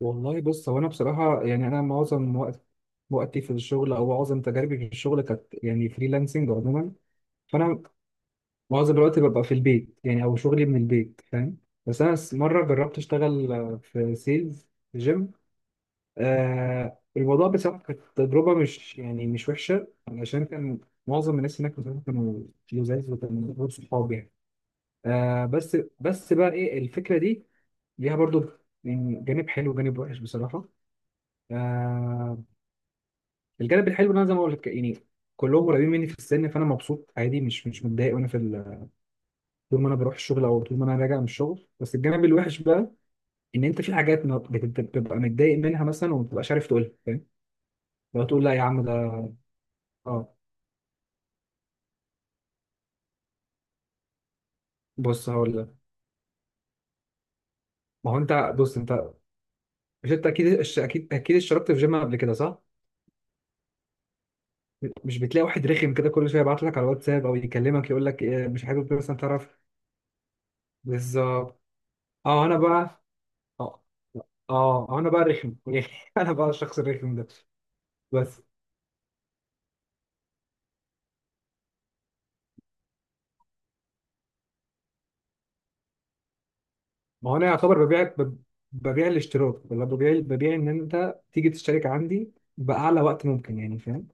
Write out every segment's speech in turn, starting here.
والله بص هو انا بصراحه يعني انا معظم وقتي في الشغل او معظم تجاربي في الشغل كانت يعني فريلانسنج عموما. فانا معظم الوقت ببقى في البيت يعني او شغلي من البيت فاهم. بس انا مره جربت اشتغل في سيلز في جيم. الموضوع بصراحه كانت تجربه مش وحشه علشان كان معظم الناس هناك بصراحة كانوا لزاز وكانوا غير صحاب يعني. بس بقى ايه الفكره دي ليها برضو؟ يعني جانب حلو وجانب وحش بصراحه. آه الجانب الحلو ان انا زي ما قلت يعني كلهم قريبين مني في السن، فانا مبسوط عادي مش متضايق وانا طول ما انا بروح الشغل او طول ما انا راجع من الشغل. بس الجانب الوحش بقى ان انت في حاجات ما بتبقى متضايق منها مثلا، وما بتبقاش عارف تقولها فاهم، لو تقول لا يا عم ده. اه، بص هقول لك. ما هو انت، بص انت، مش انت اكيد الش- اكيد اكيد اشتركت في جيم قبل كده صح؟ مش بتلاقي واحد رخم كده كل شويه يبعت لك على الواتساب او يكلمك يقول لك إيه، مش حابب مثلا تعرف. بالظبط. اه، اه اه انا بقى رخم انا بقى الشخص الرخم ده. بس ما هو انا يعتبر ببيعك ببيع الاشتراك، ولا ببيع ان انت تيجي تشترك عندي باعلى وقت ممكن يعني فاهم.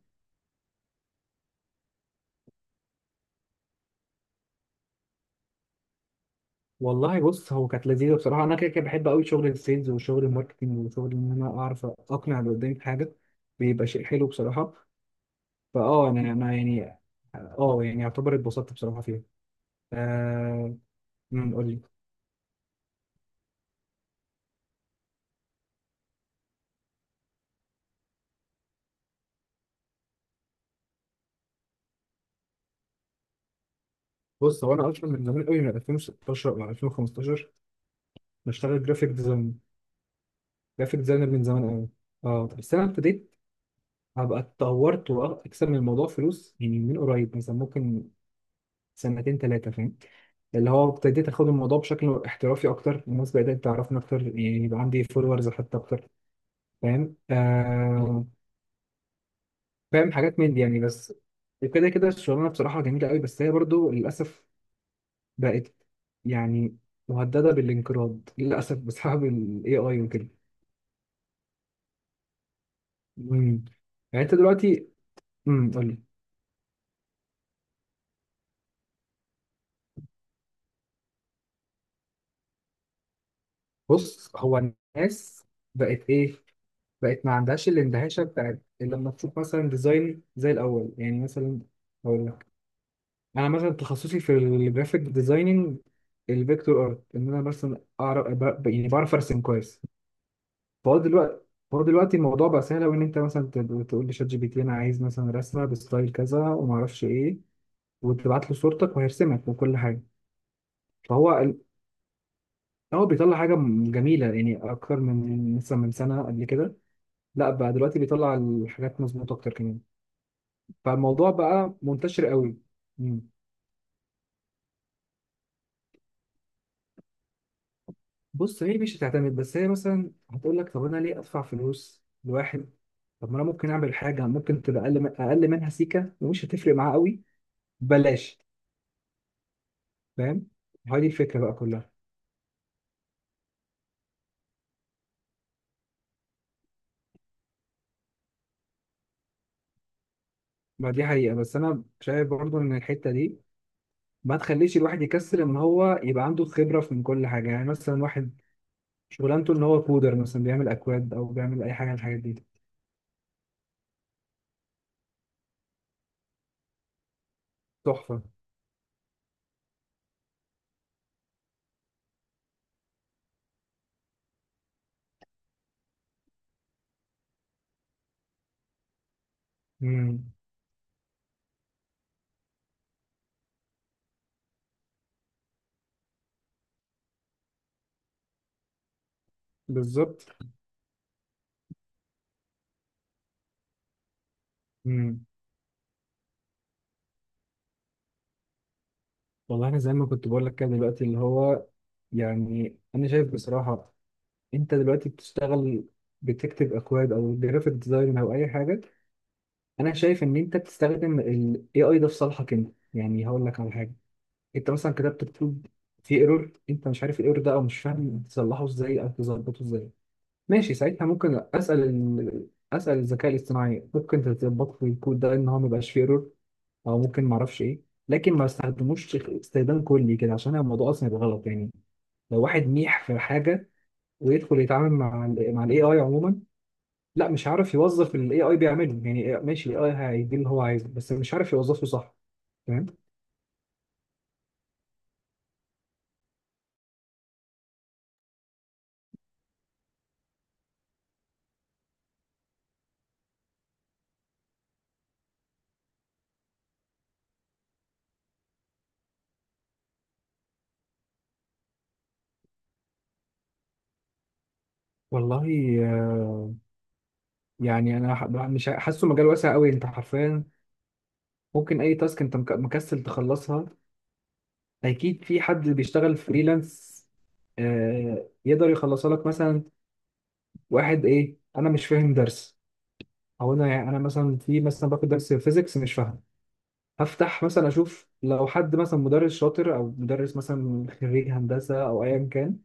والله بص هو كانت لذيذه بصراحه. انا كده كده بحب قوي شغل السيلز وشغل الماركتنج وشغل ان انا اعرف اقنع اللي قدامي بحاجه، بيبقى شيء حلو بصراحه. انا يعني يعتبر اتبسطت بصراحه فيها آه قول لي. بص هو انا اصلا من زمان قوي من 2016 او 2015 بشتغل جرافيك ديزاين. جرافيك ديزاينر من زمان قوي. اه بس انا ابتديت هبقى اتطورت واكسب من الموضوع فلوس يعني من قريب، مثلا ممكن سنتين ثلاثه فاهم، اللي هو ابتديت اخد الموضوع بشكل احترافي اكتر، الناس بدات تعرفني اكتر يعني يبقى عندي فولورز حتى اكتر فاهم. فاهم حاجات من دي يعني بس. وكده كده الشغلانه بصراحه جميله قوي، بس هي برضو للاسف بقت يعني مهدده بالانقراض للاسف بسبب الاي اي وكده. مم. يعني انت دلوقتي. قول لي. بص، هو الناس بقت ايه بقت ما عندهاش الاندهاشه بتاعت لما تشوف مثلا ديزاين زي الاول يعني. مثلا هقول لك، انا مثلا تخصصي في الجرافيك ديزايننج الفيكتور ارت، ان انا مثلا اعرف ب- يعني بعرف ارسم كويس. فهو دلوقتي فهو دلوقتي الموضوع بقى سهل أوي، إن أنت مثلا تقول لشات جي بي تي أنا عايز مثلا رسمة بستايل كذا وما أعرفش إيه، وتبعت له صورتك وهيرسمك وكل حاجة. فهو ال- هو بيطلع حاجة جميلة، يعني أكتر من سنة قبل كده. لا، بقى دلوقتي بيطلع الحاجات مظبوطة أكتر كمان. فالموضوع بقى منتشر قوي. مم. بص، هي مش هتعتمد، بس هي مثلا هتقول لك طب انا ليه ادفع فلوس لواحد؟ طب ما انا ممكن اعمل حاجه ممكن تبقى اقل من اقل منها سيكه، ومش هتفرق معاه قوي. بلاش فاهم هذه الفكره بقى كلها. ما دي حقيقه، بس انا شايف برضو ان الحته دي ما تخليش الواحد يكسر، ان هو يبقى عنده خبره في من كل حاجه. يعني مثلا واحد شغلانته ان هو كودر مثلا بيعمل اكواد او بيعمل اي حاجه من الحاجات دي. تحفه. مم. بالظبط. مم. والله انا زي ما كنت بقول لك كده دلوقتي، اللي هو يعني انا شايف بصراحه، انت دلوقتي بتشتغل، بتكتب اكواد او جرافيك ديزاين او اي حاجه، انا شايف ان انت بتستخدم ال AI ده في صالحك انت يعني. هقول لك على حاجه، انت مثلا كتبت كود في ايرور، انت مش عارف الايرور ده او مش فاهم تصلحه ازاي او تظبطه ازاي. ماشي، ساعتها ممكن اسال الذكاء الاصطناعي ممكن تظبط لي الكود ده ان هو ما يبقاش فيه ايرور، او ممكن ما اعرفش ايه. لكن ما استخدموش استخدام كلي كده عشان الموضوع اصلا يبقى غلط يعني. لو واحد ميح في حاجه ويدخل يتعامل مع الاي اي عموما، لا، مش عارف يوظف الاي اي بيعمله. يعني ماشي، الاي اي هيدي اللي هو عايزه، بس مش عارف يوظفه صح فاهم. والله آه، يعني انا ح- مش ح- حاسه مجال واسع قوي، انت حرفيا ممكن اي تاسك انت مكسل تخلصها اكيد في حد بيشتغل فريلانس يقدر يخلصها لك. مثلا واحد، ايه، انا مش فاهم درس، او انا مثلا باخد درس فيزيكس مش فاهم. هفتح مثلا اشوف لو حد مثلا مدرس شاطر، او مدرس مثلا خريج هندسه، او ايا كان.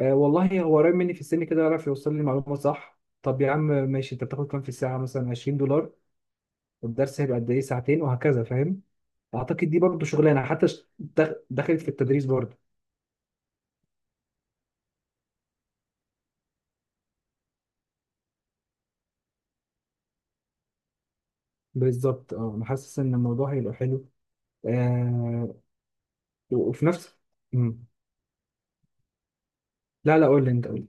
والله هو قريب مني في السن كده يعرف يوصل لي المعلومه صح. طب يا عم ماشي، انت بتاخد كام في الساعه مثلا؟ 20 دولار، والدرس هيبقى قد ايه؟ ساعتين، وهكذا فاهم. اعتقد دي برضو شغلانه، حتى دخلت في التدريس برضو. بالظبط. اه، انا حاسس ان الموضوع هيبقى حلو. آه وفي نفس. مم. لا لا، قول لي انت، قول لي.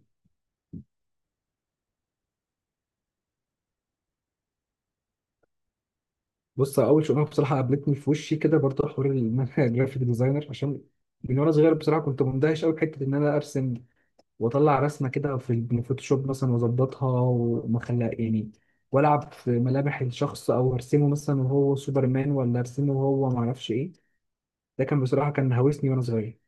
بص، اول شغلانه بصراحه قابلتني في وشي كده، برضه حوار ان انا جرافيك ديزاينر، عشان من وانا صغير بصراحه كنت مندهش قوي بحته ان انا ارسم واطلع رسمه كده في الفوتوشوب مثلا واظبطها وما خليها يعني، والعب في ملامح الشخص، او ارسمه مثلا وهو سوبرمان، ولا ارسمه وهو ما اعرفش ايه. ده كان هوسني وانا صغير.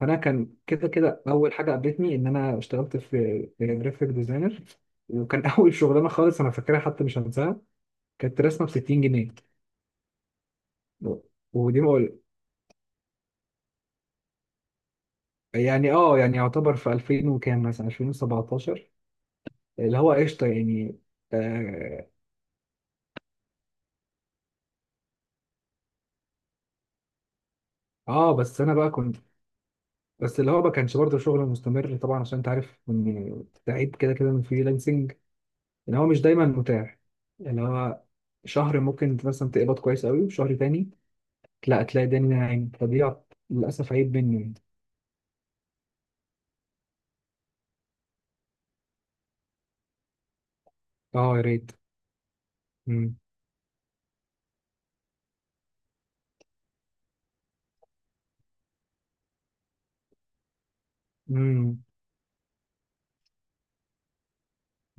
فانا كان كده كده اول حاجه قابلتني ان انا اشتغلت في جرافيك ديزاينر. وكان اول شغلانه خالص انا فاكرها حتى مش هنساها، كانت رسمه ب 60 جنيه. ودي بقول يعني يعني يعتبر في 2000 وكام، مثلا 2017، اللي هو قشطه يعني. اه بس انا بقى كنت. بس اللي هو ما كانش برضه شغل مستمر طبعا، عشان انت عارف ان تعيد كده كده من فريلانسنج، ان هو مش دايما متاح يعني. هو شهر ممكن مثلا تقبض كويس قوي، وشهر تاني لا تلاقي الدنيا ناعم، فدي للاسف عيب مني يعني. اه، يا ريت. امم. امم.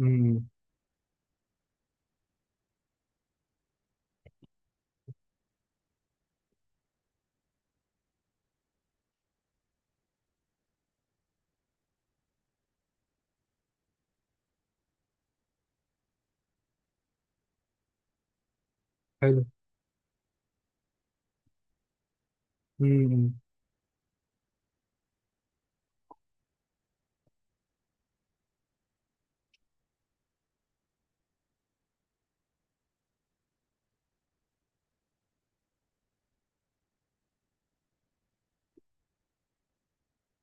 امم. حلو. امم.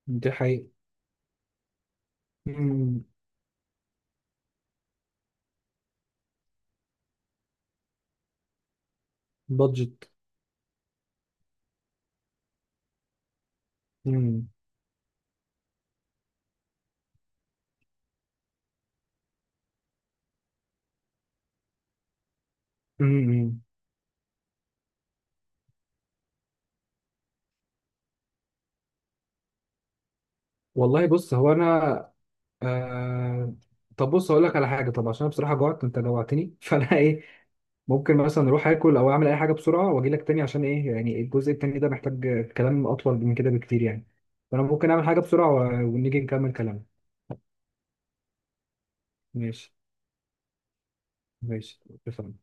دي حقيقة. امم. بادجت. امم. امم. والله بص هو انا آه... طب، بص هقول لك على حاجه. طب عشان أنا بصراحه جوعت، انت جوعتني فانا ايه، ممكن مثلا اروح اكل او اعمل اي حاجه بسرعه واجي لك تاني، عشان ايه يعني الجزء التاني ده محتاج كلام اطول من كده بكتير يعني. فانا ممكن اعمل حاجه بسرعه ونيجي نكمل كلامنا. ماشي. ماشي اتفقنا.